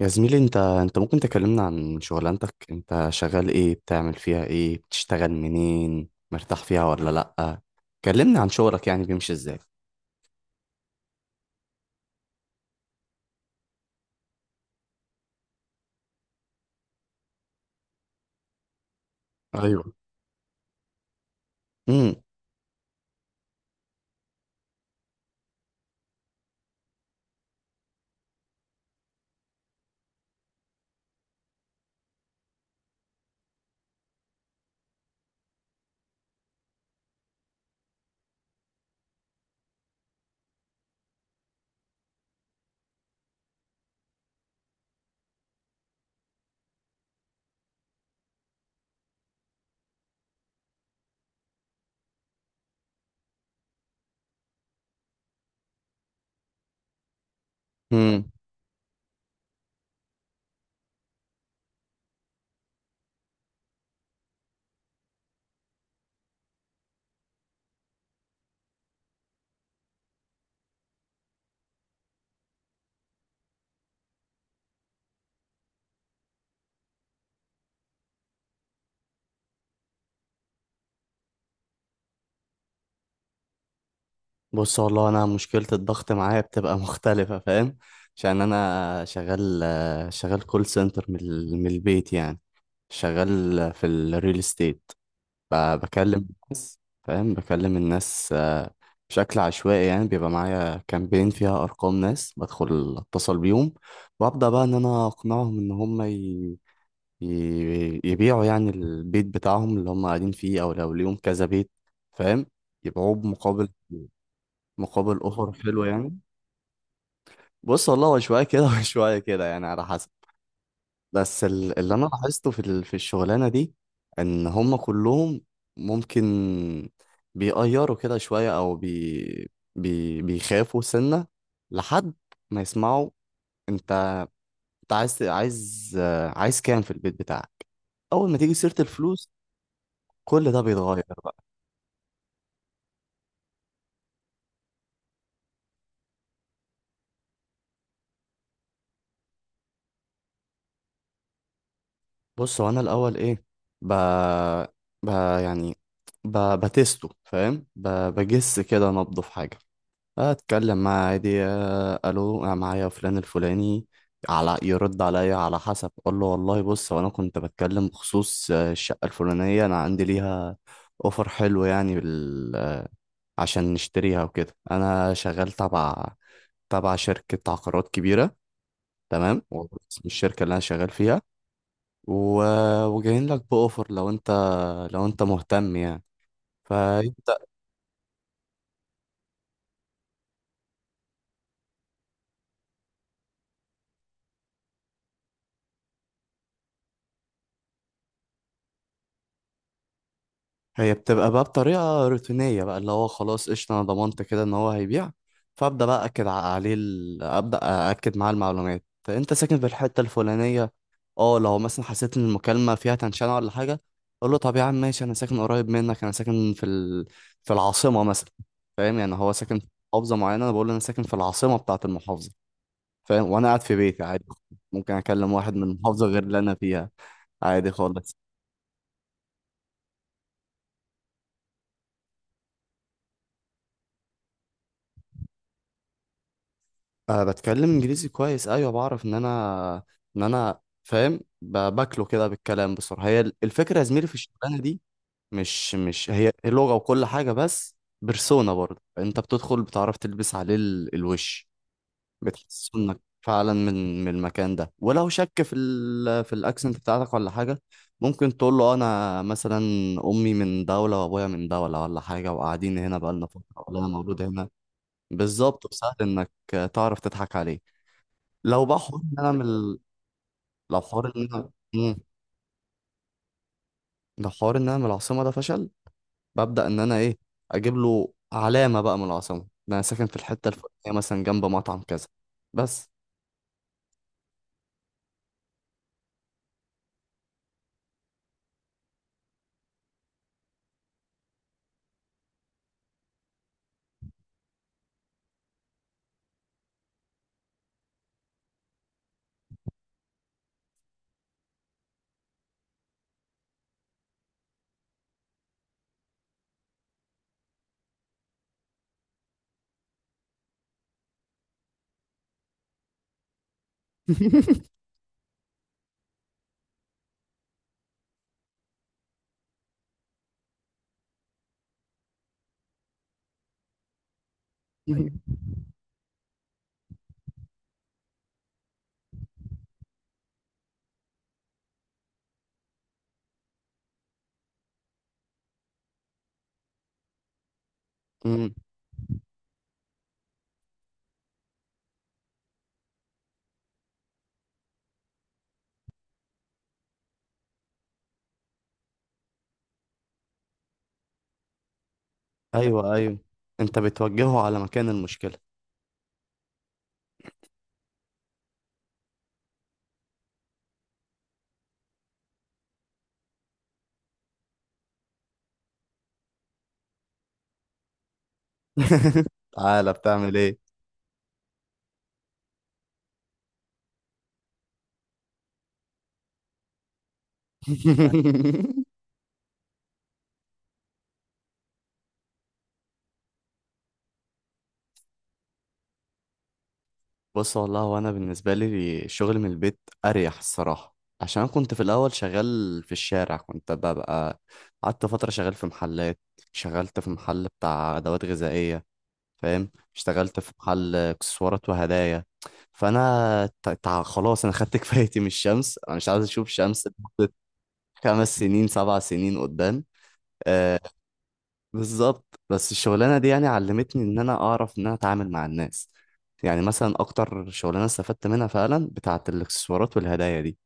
يا زميلي انت ممكن تكلمنا عن شغلانتك؟ انت شغال ايه؟ بتعمل فيها ايه؟ بتشتغل منين؟ مرتاح فيها ولا لأ؟ كلمنا عن شغلك يعني بيمشي ازاي. ايوه. امم امم بص والله انا مشكلة الضغط معايا بتبقى مختلفة، فاهم؟ عشان انا شغال، كول سنتر من البيت يعني. شغال في الريل استيت. بكلم الناس، فاهم؟ بكلم الناس آه، بشكل عشوائي، يعني بيبقى معايا كامبين فيها أرقام ناس، بدخل أتصل بيهم وأبدأ بقى إن أنا أقنعهم إن هم يبيعوا يعني البيت بتاعهم اللي هم قاعدين فيه، أو لو ليهم كذا بيت، فاهم؟ يبيعوه بمقابل، أوفر حلو يعني. بص والله هو شوية كده وشوية كده يعني، على حسب. بس اللي انا لاحظته في الشغلانه دي، ان هم كلهم ممكن بيقيروا كده شويه، او بي بيخافوا سنه لحد ما يسمعوا: انت انت عايز، عايز كام في البيت بتاعك؟ اول ما تيجي سيره الفلوس كل ده بيتغير بقى. بص هو انا الاول ايه، ب ب يعني بتستو، فاهم؟ بجس كده نبضه في حاجه. اتكلم معاه عادي: آه، الو انا معايا فلان الفلاني. على يرد عليا على حسب اقول له: والله بص، وانا كنت بتكلم بخصوص آه، الشقه الفلانيه، انا عندي ليها اوفر حلو يعني آه، عشان نشتريها وكده. انا شغال تبع، شركه عقارات كبيره، تمام؟ واسم الشركه اللي انا شغال فيها و... وجايين لك باوفر، لو انت مهتم يعني. فانت، هي بتبقى بقى بطريقة روتينية بقى، اللي هو خلاص قشطة، أنا ضمنت كده إن هو هيبيع. فأبدأ بقى أكد عليه أبدأ أأكد معاه المعلومات: أنت ساكن في الحتة الفلانية. أه لو مثلا حسيت إن المكالمة فيها تنشنة ولا حاجة، أقول له: طب يا عم ماشي، أنا ساكن قريب منك، أنا ساكن في العاصمة مثلا. فاهم؟ يعني هو ساكن في محافظة معينة، أنا بقول له أنا ساكن في العاصمة بتاعة المحافظة، فاهم؟ وأنا قاعد في بيتي عادي، ممكن أكلم واحد من محافظة غير اللي أنا فيها عادي خالص. أه بتكلم انجليزي كويس، ايوه. بعرف ان انا، فاهم، باكله كده بالكلام بسرعه. هي الفكره يا زميلي في الشغلانه دي، مش هي لغه وكل حاجه بس، بيرسونا برضه. انت بتدخل بتعرف تلبس عليه الوش، بتحس انك فعلا من المكان ده. ولو شك في ال في الاكسنت بتاعتك ولا حاجه، ممكن تقول له انا مثلا امي من دوله وابويا من دوله ولا حاجه، وقاعدين هنا بقالنا فتره، ولا انا مولود هنا. بالظبط، وسهل انك تعرف تضحك عليه. لو بقى حوار ان انا من لو حوار ان انا مم. لو حوار ان انا من العاصمه ده فشل، ببدا ان انا ايه، اجيب له علامه بقى من العاصمه: ده انا ساكن في الحته الفلانيه مثلا جنب مطعم كذا. بس. مم. ايوه ايوه، انت بتوجهه على مكان المشكله. تعالى بتعمل ايه؟ بص والله هو انا بالنسبه لي الشغل من البيت اريح الصراحه. عشان كنت في الاول شغال في الشارع، كنت ببقى، قعدت فتره شغال في محلات، شغلت في محل بتاع ادوات غذائيه، فاهم؟ اشتغلت في محل اكسسوارات وهدايا. فانا خلاص انا خدت كفايتي من الشمس، انا مش عايز اشوف شمس لمده 5 سنين 7 سنين قدام، آه. بالظبط. بس الشغلانه دي يعني علمتني ان انا اعرف ان انا اتعامل مع الناس. يعني مثلا اكتر شغلانه استفدت منها فعلا بتاعه الاكسسوارات والهدايا دي،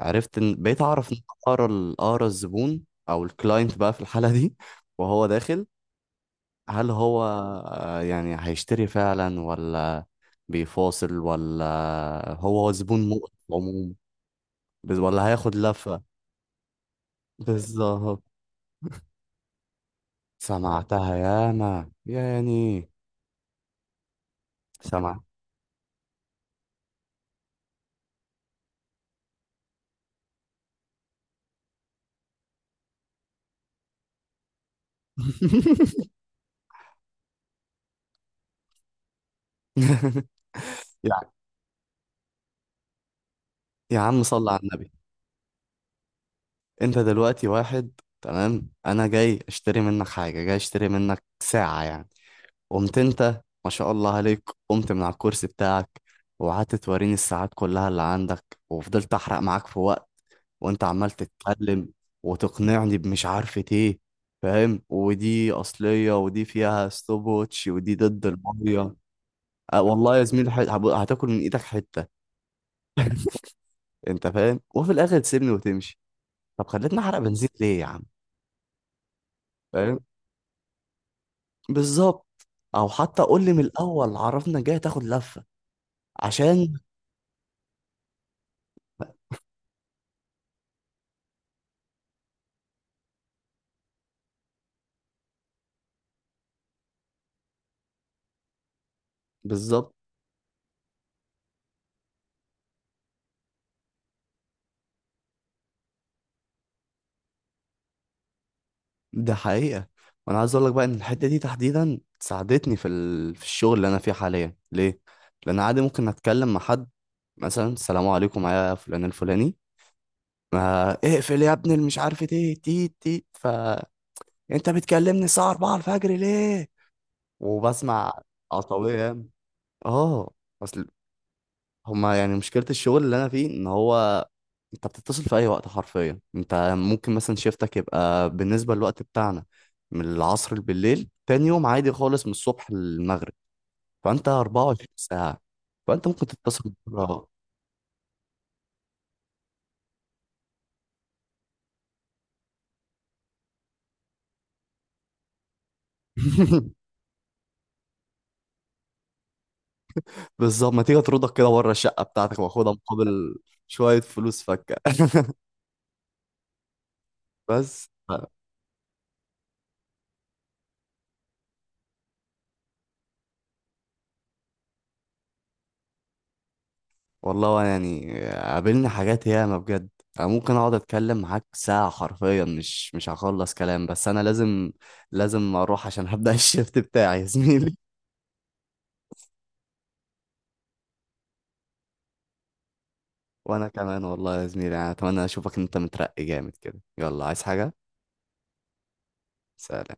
عرفت ان بقيت اعرف ان اقرا اقرا الزبون او الكلاينت بقى في الحاله دي وهو داخل. هل هو آه، يعني هيشتري فعلا، ولا بيفاصل، ولا هو زبون مؤقت عموما؟ ولا هياخد لفه؟ بالظبط. سمعتها ياما يعني. سمع. يا يا عم صل على النبي. انت دلوقتي واحد تمام، انا جاي اشتري منك حاجة، جاي اشتري منك ساعة يعني، قمت انت ما شاء الله عليك، قمت من على الكرسي بتاعك وقعدت توريني الساعات كلها اللي عندك، وفضلت احرق معاك في وقت وانت عمال تتكلم وتقنعني بمش عارفة ايه، فاهم؟ ودي اصلية ودي فيها ستوب ووتش ودي ضد المية. أه والله يا زميلي، هتاكل من ايدك حتة، انت فاهم؟ وفي الاخر تسيبني وتمشي. طب خليتني احرق بنزين ليه يا عم؟ فاهم؟ بالظبط. او حتى قول لي من الاول: عرفنا جاي تاخد لفه، عشان. بالظبط. ده حقيقه. وانا عايز اقول لك بقى ان الحته دي تحديدا ساعدتني في الشغل اللي انا فيه حاليا. ليه؟ لان عادي ممكن اتكلم مع حد مثلا: السلام عليكم، معايا فلان الفلاني. ما اقفل يا ابني اللي مش عارف ايه، تيت تيت. ف انت بتكلمني الساعه 4 الفجر ليه؟ وبسمع عصبيه، اه. اصل هما يعني مشكله الشغل اللي انا فيه ان هو انت بتتصل في اي وقت حرفيا. انت ممكن مثلا شيفتك يبقى بالنسبه للوقت بتاعنا من العصر بالليل تاني يوم عادي خالص، من الصبح للمغرب. فانت 24 ساعه، فانت ممكن تتصل بره. بالظبط، ما تيجي اطردك كده بره الشقه بتاعتك واخدها مقابل شويه فلوس فكه. بس والله يعني قابلني حاجات ياما بجد. انا ممكن اقعد اتكلم معاك ساعة حرفيا، مش هخلص كلام، بس انا لازم، لازم اروح عشان هبدأ الشيفت بتاعي يا زميلي. وانا كمان والله يا زميلي، انا اتمنى اشوفك انت مترقي جامد كده. يلا عايز حاجة؟ سلام.